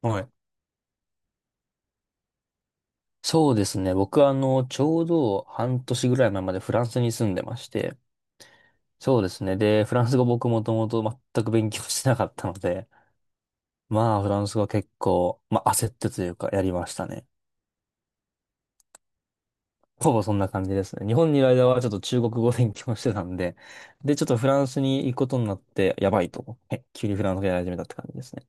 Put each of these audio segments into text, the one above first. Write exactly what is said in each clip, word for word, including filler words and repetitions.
はい。そうですね。僕はあの、ちょうど半年ぐらい前までフランスに住んでまして、そうですね。で、フランス語僕もともと全く勉強してなかったので、まあ、フランス語は結構、まあ、焦ってというか、やりましたね。ほぼそんな感じですね。日本にいる間はちょっと中国語を勉強してたんで、で、ちょっとフランスに行くことになって、やばいと思って、急にフランス語やり始めたって感じですね。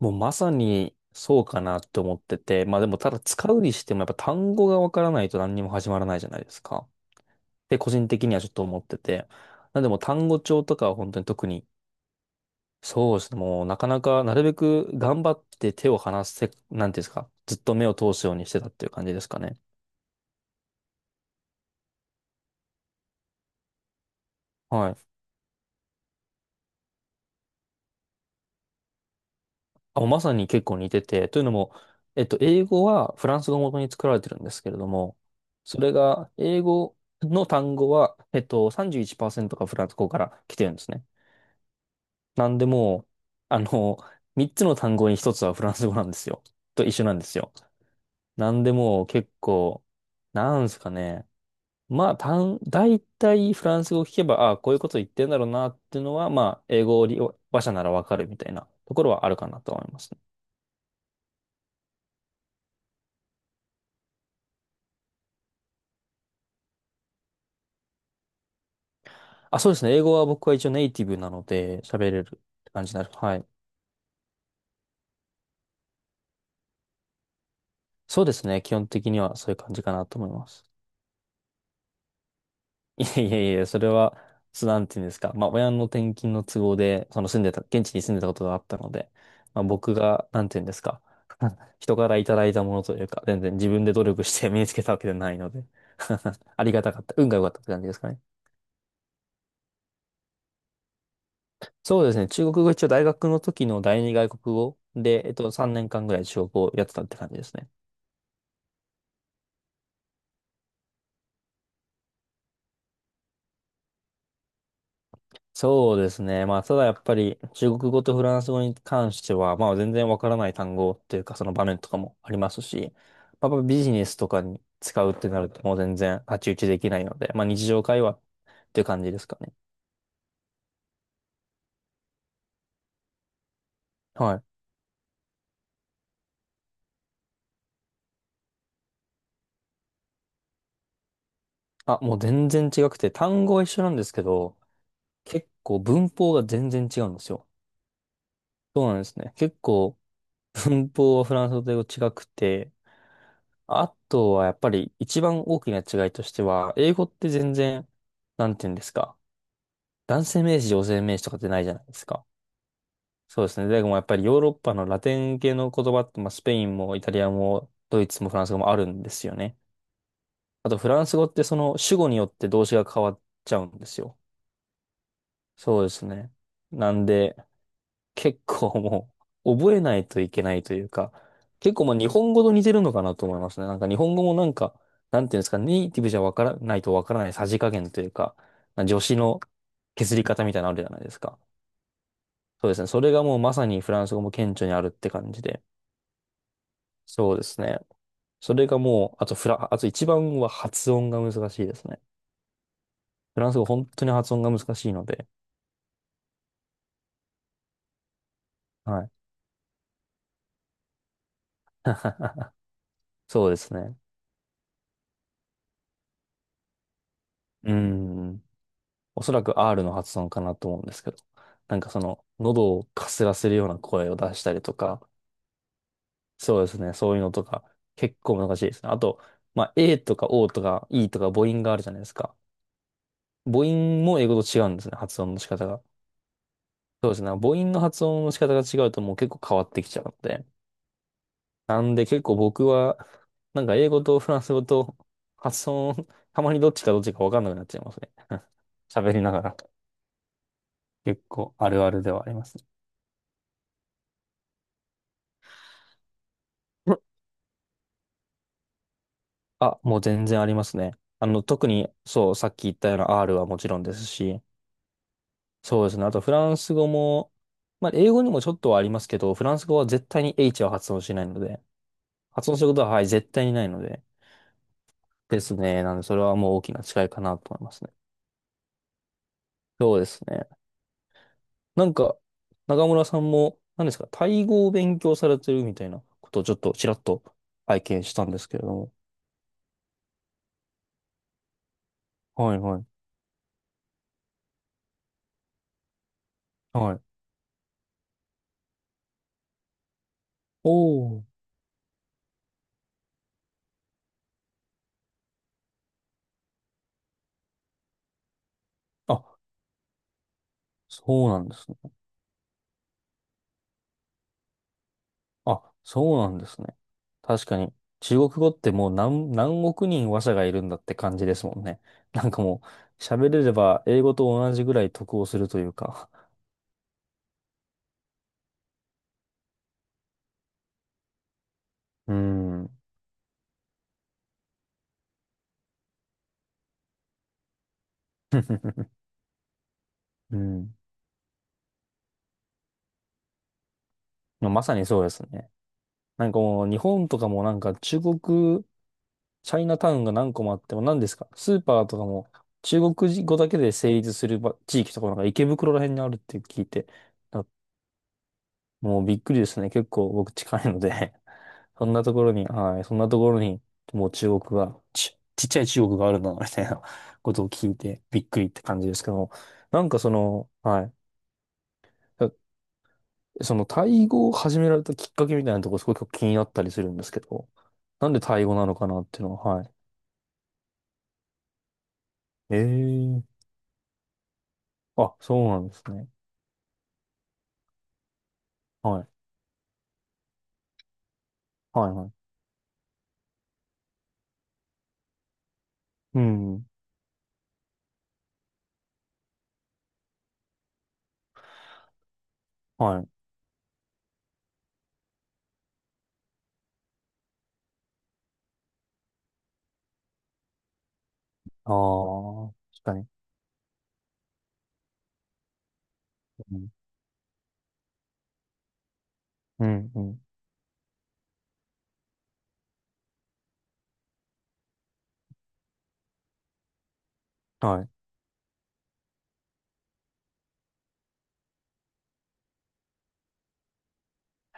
もうまさにそうかなって思ってて、まあでもただ使うにしてもやっぱ単語がわからないと何にも始まらないじゃないですか。て個人的にはちょっと思ってて。なんでもう単語帳とかは本当に特に、そうですね、もうなかなかなるべく頑張って手を離せ、なんていうんですか、ずっと目を通すようにしてたっていう感じですかね。はい。あ、もうまさに結構似てて、というのも、えっと、英語はフランス語を元に作られてるんですけれども、それが、英語の単語は、えっと、さんじゅういちパーセントがフランス語から来てるんですね。なんでもう、あの、みっつの単語にひとつはフランス語なんですよ。と一緒なんですよ。なんでもう結構、なんすかね。まあ、たん、大体フランス語を聞けば、ああ、こういうこと言ってんだろうなっていうのは、まあ、英語を利用話者ならわかるみたいなところはあるかなと思いますね。あ、そうですね。英語は僕は一応ネイティブなので喋れるって感じになる。はい。そうですね。基本的にはそういう感じかなと思います。いやいやいや、それは、そうなんていうんですか。まあ、親の転勤の都合で、その住んでた、現地に住んでたことがあったので、まあ、僕が、なんていうんですか。人からいただいたものというか、全然自分で努力して身につけたわけではないので ありがたかった。運が良かったって感じですかね。そうですね。中国語一応大学の時の第二外国語で、えっと、さんねんかんぐらい中国語をやってたって感じですね。そうですね。まあ、ただやっぱり中国語とフランス語に関しては、まあ全然わからない単語っていうかその場面とかもありますし、まあ、やっぱビジネスとかに使うってなるともう全然太刀打ちできないので、まあ日常会話っていう感じですかね。はい。あ、もう全然違くて、単語は一緒なんですけど、結構文法が全然違うんですよ。そうなんですね。結構文法はフランス語と英語違くて、あとはやっぱり一番大きな違いとしては、英語って全然、なんていうんですか。男性名詞、女性名詞とかってないじゃないですか。そうですね。でもやっぱりヨーロッパのラテン系の言葉って、まあ、スペインもイタリアもドイツもフランス語もあるんですよね。あとフランス語ってその主語によって動詞が変わっちゃうんですよ。そうですね。なんで結構もう覚えないといけないというか、結構まあ日本語と似てるのかなと思いますね。なんか日本語もなんか、なんていうんですか、ネイティブじゃわからないとわからないさじ加減というか、助詞の削り方みたいなのあるじゃないですか。そうですね。それがもうまさにフランス語も顕著にあるって感じで。そうですね。それがもう、あとフラ、あと一番は発音が難しいですね。フランス語本当に発音が難しいので。はい。そうですね。うん。おそらく R の発音かなと思うんですけど。なんかその、喉をかすらせるような声を出したりとか、そうですね。そういうのとか、結構難しいですね。あと、まあ、A とか オー とか イー とか母音があるじゃないですか。母音も英語と違うんですね。発音の仕方が。そうですね。母音の発音の仕方が違うともう結構変わってきちゃうので。なんで結構僕は、なんか英語とフランス語と発音、たまにどっちかどっちかわかんなくなっちゃいますね。喋りながら。結構あるあるではありますね。うん。あ、もう全然ありますね。あの、特に、そう、さっき言ったような R はもちろんですし、そうですね。あとフランス語も、まあ英語にもちょっとはありますけど、フランス語は絶対に H は発音しないので、発音することは、はい、絶対にないので、ですね。なんで、それはもう大きな違いかなと思いますね。そうですね。なんか、中村さんも、何ですか、タイ語を勉強されてるみたいなことをちょっとちらっと拝見したんですけれども。はいはい。はい。おー。あ、そうなんですね。あ、そうなんですね。確かに、中国語ってもう何、何億人話者がいるんだって感じですもんね。なんかもう、喋れれば英語と同じぐらい得をするというか。うーん。うん。まあまさにそうですね。なんかもう日本とかもなんか中国、チャイナタウンが何個もあっても何ですかスーパーとかも中国語だけで成立するば地域とかなんか池袋ら辺にあるって聞いて、なもうびっくりですね。結構僕近いので そんなところに、はい、そんなところにもう中国が、ち、ちっちゃい中国があるんだな、みたいなことを聞いてびっくりって感じですけども、なんかその、はい。そのタイ語を始められたきっかけみたいなところすごく気になったりするんですけど、なんでタイ語なのかなっていうのは、はい。ええ。あ、そうなんですね。はい。はい、はい。うん。はい。ああ、確かに。うん、うん、うん。はい。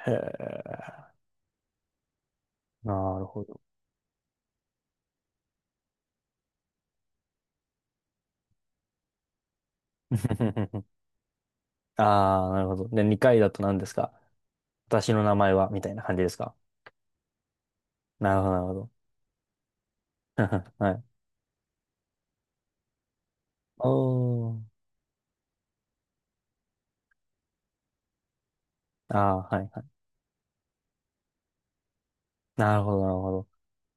へえ、なるほど。ああ、なるほど。で、にかいだと何ですか？私の名前はみたいな感じですか？なるほど、なるほど。はい。おー。ああ、はい、はい。なるほど、なるほ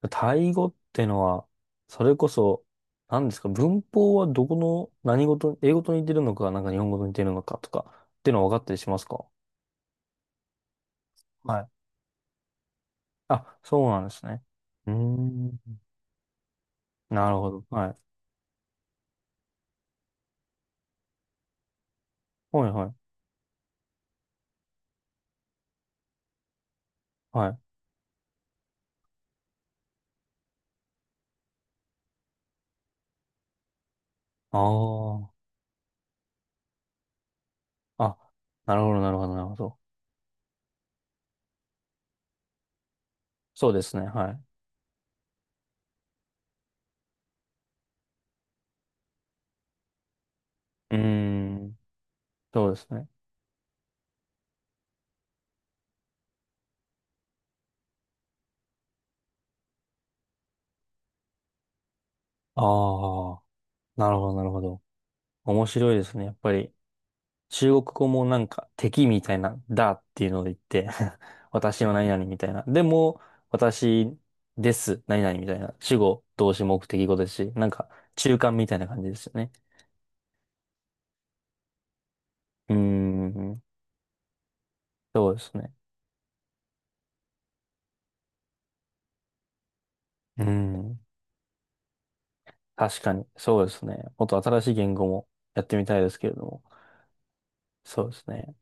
ど。タイ語ってのは、それこそ、何ですか、文法はどこの何事英語と似てるのか、なんか日本語と似てるのかとか、っていうのは分かったりしますか？はい。あ、そうなんですね。うーん。なるほど。はい。はいはい。はい。ああ。あ、なるほど、なるほど、なるほど。そうですね。はい。うーん。そうですね。ああ。なるほど、なるほど。面白いですね。やっぱり。中国語もなんか敵みたいな、だっていうので言って 私の何々みたいな。でも、私です、何々みたいな。主語、動詞、目的語ですし、なんか中間みたいな感じですよね。うーん、そうですね。うーん、確かに、そうですね。もっと新しい言語もやってみたいですけれども。そうですね。